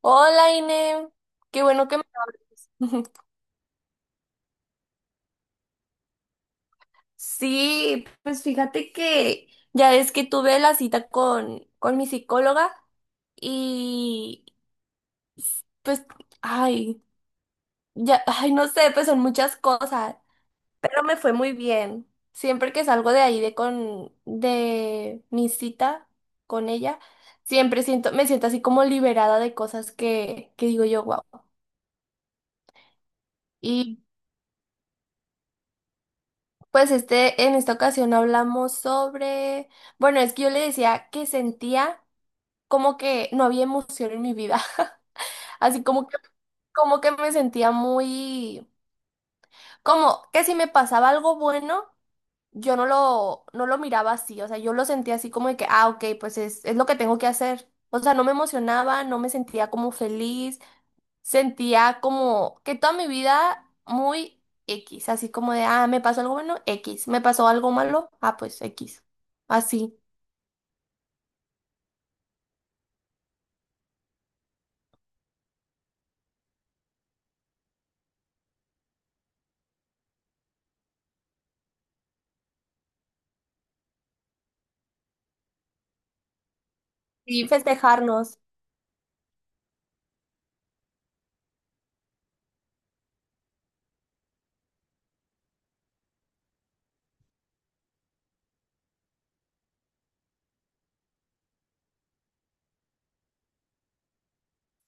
Hola, Ine. Qué bueno que me hablas. Sí, pues fíjate que ya es que tuve la cita con mi psicóloga y pues, ay, ya, ay, no sé, pues son muchas cosas, pero me fue muy bien. Siempre que salgo de ahí de mi cita con ella, siempre me siento así como liberada de cosas que digo yo, wow. Pues en esta ocasión hablamos sobre, bueno, es que yo le decía que sentía como que no había emoción en mi vida, así como que me sentía muy, como que si me pasaba algo bueno, yo no lo miraba así, o sea, yo lo sentía así como de que, ah, ok, pues es lo que tengo que hacer, o sea, no me emocionaba, no me sentía como feliz, sentía como que toda mi vida muy X, así como de, ah, me pasó algo bueno, X, me pasó algo malo, ah, pues X, así. Sí, festejarnos.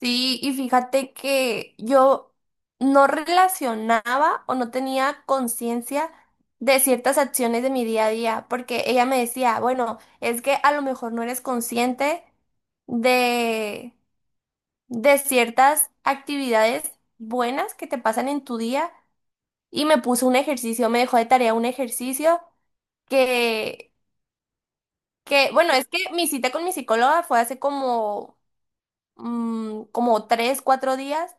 Sí, y fíjate que yo no relacionaba o no tenía conciencia de ciertas acciones de mi día a día, porque ella me decía, bueno, es que a lo mejor no eres consciente de, de ciertas actividades buenas que te pasan en tu día y me puso un ejercicio, me dejó de tarea un ejercicio que, que, bueno, es que mi cita con mi psicóloga fue hace como, como tres, cuatro días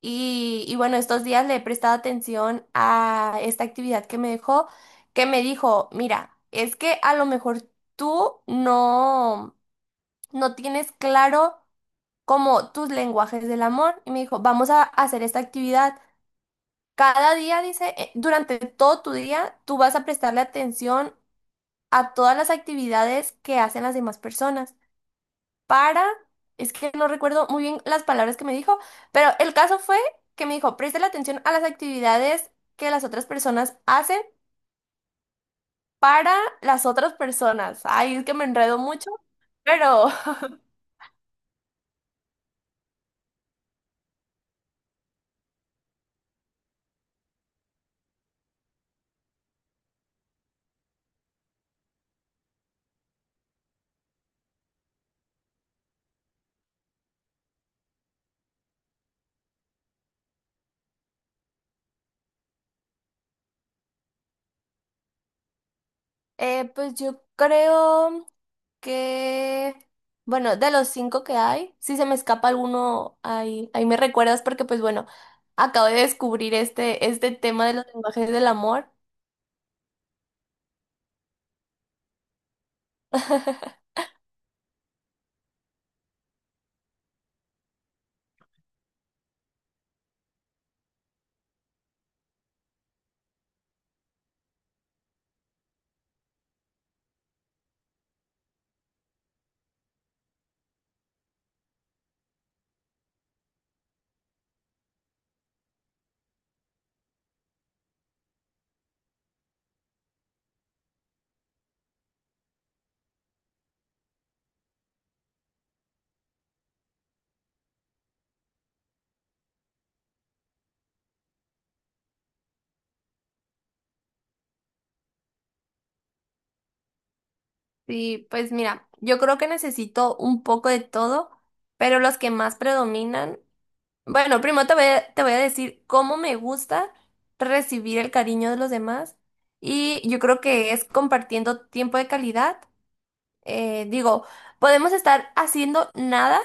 y bueno, estos días le he prestado atención a esta actividad que me dejó, que me dijo, mira, es que a lo mejor tú no tienes claro como tus lenguajes del amor y me dijo, vamos a hacer esta actividad. Cada día, dice, durante todo tu día, tú vas a prestarle atención a todas las actividades que hacen las demás personas para, es que no recuerdo muy bien las palabras que me dijo, pero el caso fue que me dijo, preste la atención a las actividades que las otras personas hacen para las otras personas. Ay, es que me enredo mucho, pero pues yo creo que, bueno, de los cinco que hay, si se me escapa alguno, ahí me recuerdas porque pues bueno, acabo de descubrir este tema de los lenguajes del amor. Sí, pues mira, yo creo que necesito un poco de todo, pero los que más predominan, bueno, primero te voy a decir cómo me gusta recibir el cariño de los demás y yo creo que es compartiendo tiempo de calidad. Digo, podemos estar haciendo nada,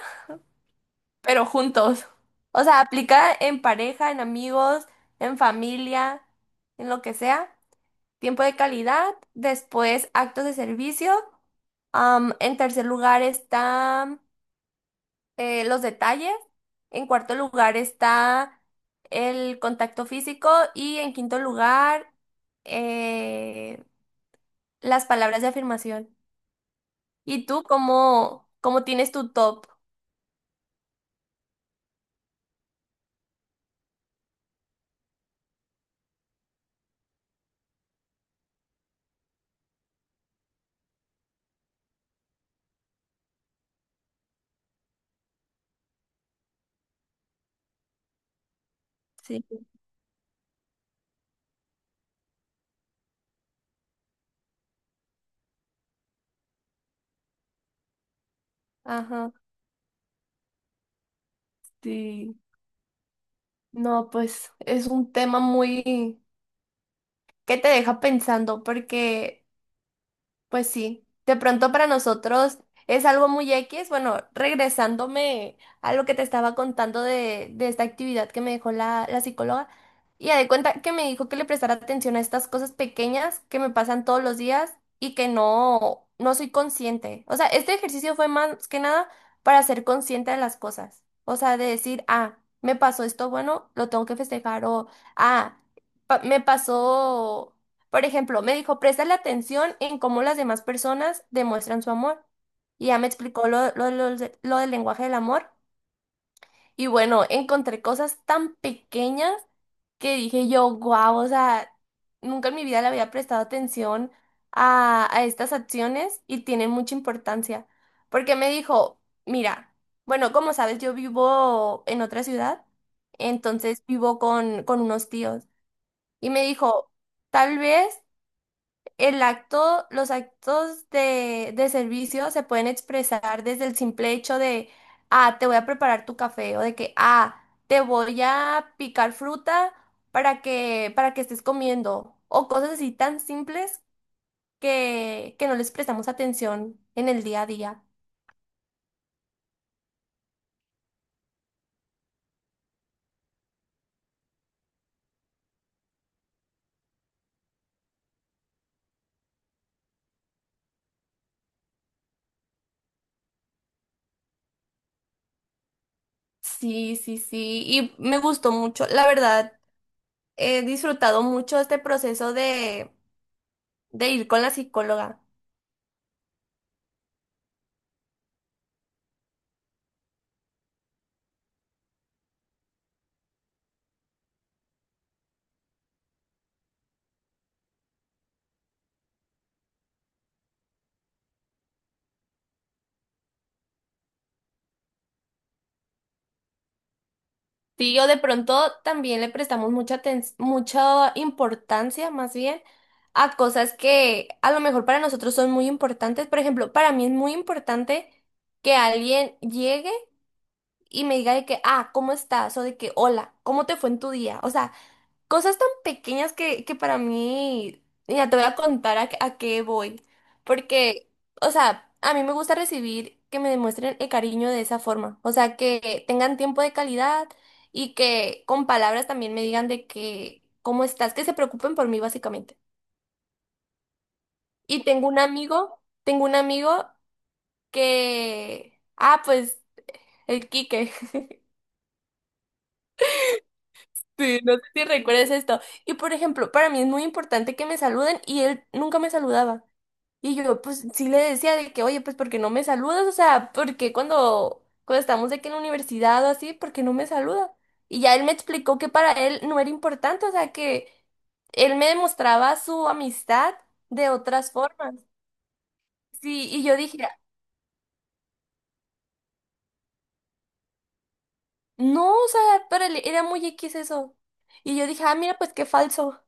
pero juntos. O sea, aplica en pareja, en amigos, en familia, en lo que sea tiempo de calidad, después actos de servicio, en tercer lugar están los detalles, en cuarto lugar está el contacto físico y en quinto lugar eh, las palabras de afirmación. ¿Y tú cómo tienes tu top? Sí. Ajá. Sí. No, pues es un tema muy que te deja pensando porque pues sí, de pronto para nosotros es algo muy X. Bueno, regresándome a lo que te estaba contando de esta actividad que me dejó la psicóloga, y ya de cuenta que me dijo que le prestara atención a estas cosas pequeñas que me pasan todos los días y que no soy consciente. O sea, este ejercicio fue más que nada para ser consciente de las cosas. O sea, de decir, ah, me pasó esto bueno, lo tengo que festejar, o ah, me pasó. Por ejemplo, me dijo, la atención en cómo las demás personas demuestran su amor. Y ya me explicó lo del lenguaje del amor. Y bueno, encontré cosas tan pequeñas que dije yo, guau, o sea, nunca en mi vida le había prestado atención a estas acciones y tienen mucha importancia. Porque me dijo, mira, bueno, como sabes, yo vivo en otra ciudad, entonces vivo con unos tíos. Y me dijo, tal vez los actos de servicio se pueden expresar desde el simple hecho de, ah, te voy a preparar tu café o de que, ah, te voy a picar fruta para que estés comiendo o cosas así tan simples que no les prestamos atención en el día a día. Sí, sí, sí, y me gustó mucho. La verdad, he disfrutado mucho este proceso de ir con la psicóloga. Sí, o de pronto también le prestamos mucha mucha importancia, más bien, a cosas que a lo mejor para nosotros son muy importantes. Por ejemplo, para mí es muy importante que alguien llegue y me diga de que, ah, ¿cómo estás? O de que, hola, ¿cómo te fue en tu día? O sea, cosas tan pequeñas que para mí, ya te voy a contar a qué voy. Porque, o sea, a mí me gusta recibir que me demuestren el cariño de esa forma. O sea, que tengan tiempo de calidad y que con palabras también me digan de que, ¿cómo estás? Que se preocupen por mí, básicamente. Y tengo un amigo que, ah, pues, el Quique. Sí, no sé si recuerdas esto. Y por ejemplo, para mí es muy importante que me saluden y él nunca me saludaba. Y yo, pues sí le decía de que, oye, pues porque no me saludas, o sea, porque cuando estamos de que en la universidad o así, ¿porque no me saluda? Y ya él me explicó que para él no era importante, o sea, que él me demostraba su amistad de otras formas. Sí, y yo dije, no, o sea, para él era muy X eso. Y yo dije, ah, mira, pues qué falso.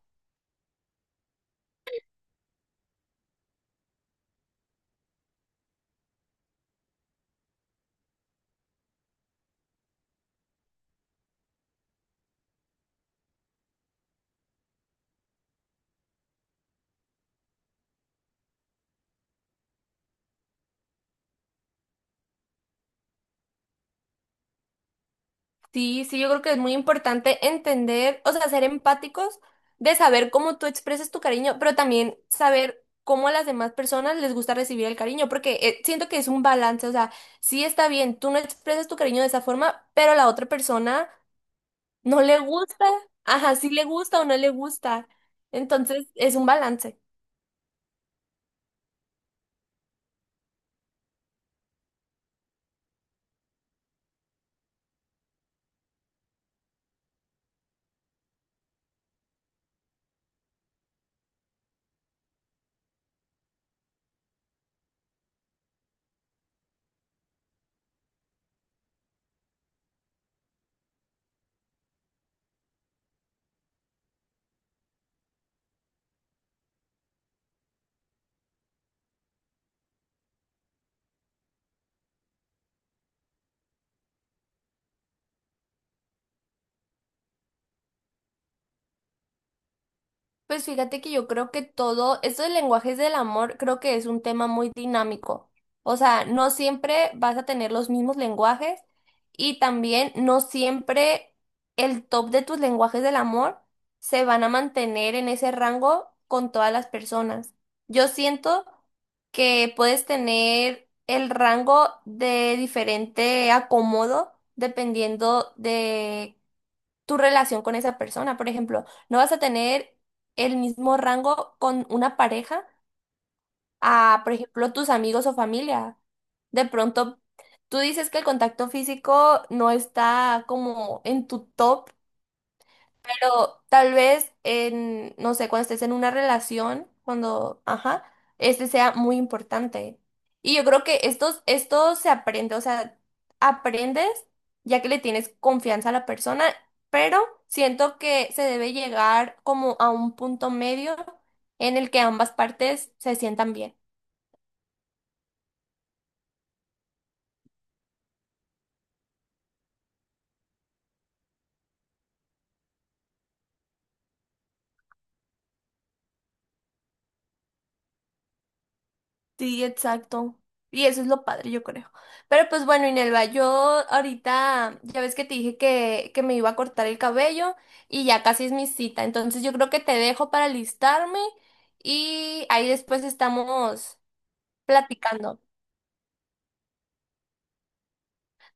Sí, sí, yo creo que es muy importante entender, o sea, ser empáticos de saber cómo tú expresas tu cariño, pero también saber cómo a las demás personas les gusta recibir el cariño, porque siento que es un balance, o sea, sí está bien, tú no expresas tu cariño de esa forma, pero a la otra persona no le gusta, ajá, sí le gusta o no le gusta, entonces es un balance. Pues fíjate que yo creo que todo, esto de lenguajes del amor, creo que es un tema muy dinámico. O sea, no siempre vas a tener los mismos lenguajes y también no siempre el top de tus lenguajes del amor se van a mantener en ese rango con todas las personas. Yo siento que puedes tener el rango de diferente acomodo dependiendo de tu relación con esa persona. Por ejemplo, no vas a tener el mismo rango con una pareja a, por ejemplo, tus amigos o familia. De pronto, tú dices que el contacto físico no está como en tu top, pero tal vez en, no sé, cuando estés en una relación, cuando, ajá, este sea muy importante. Y yo creo que esto se aprende, o sea, aprendes ya que le tienes confianza a la persona, pero siento que se debe llegar como a un punto medio en el que ambas partes se sientan bien. Sí, exacto. Y eso es lo padre, yo creo. Pero pues bueno, Inelva, yo ahorita, ya ves que te dije que me iba a cortar el cabello y ya casi es mi cita. Entonces yo creo que te dejo para listarme y ahí después estamos platicando.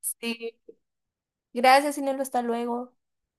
Sí. Gracias, Inelva, hasta luego.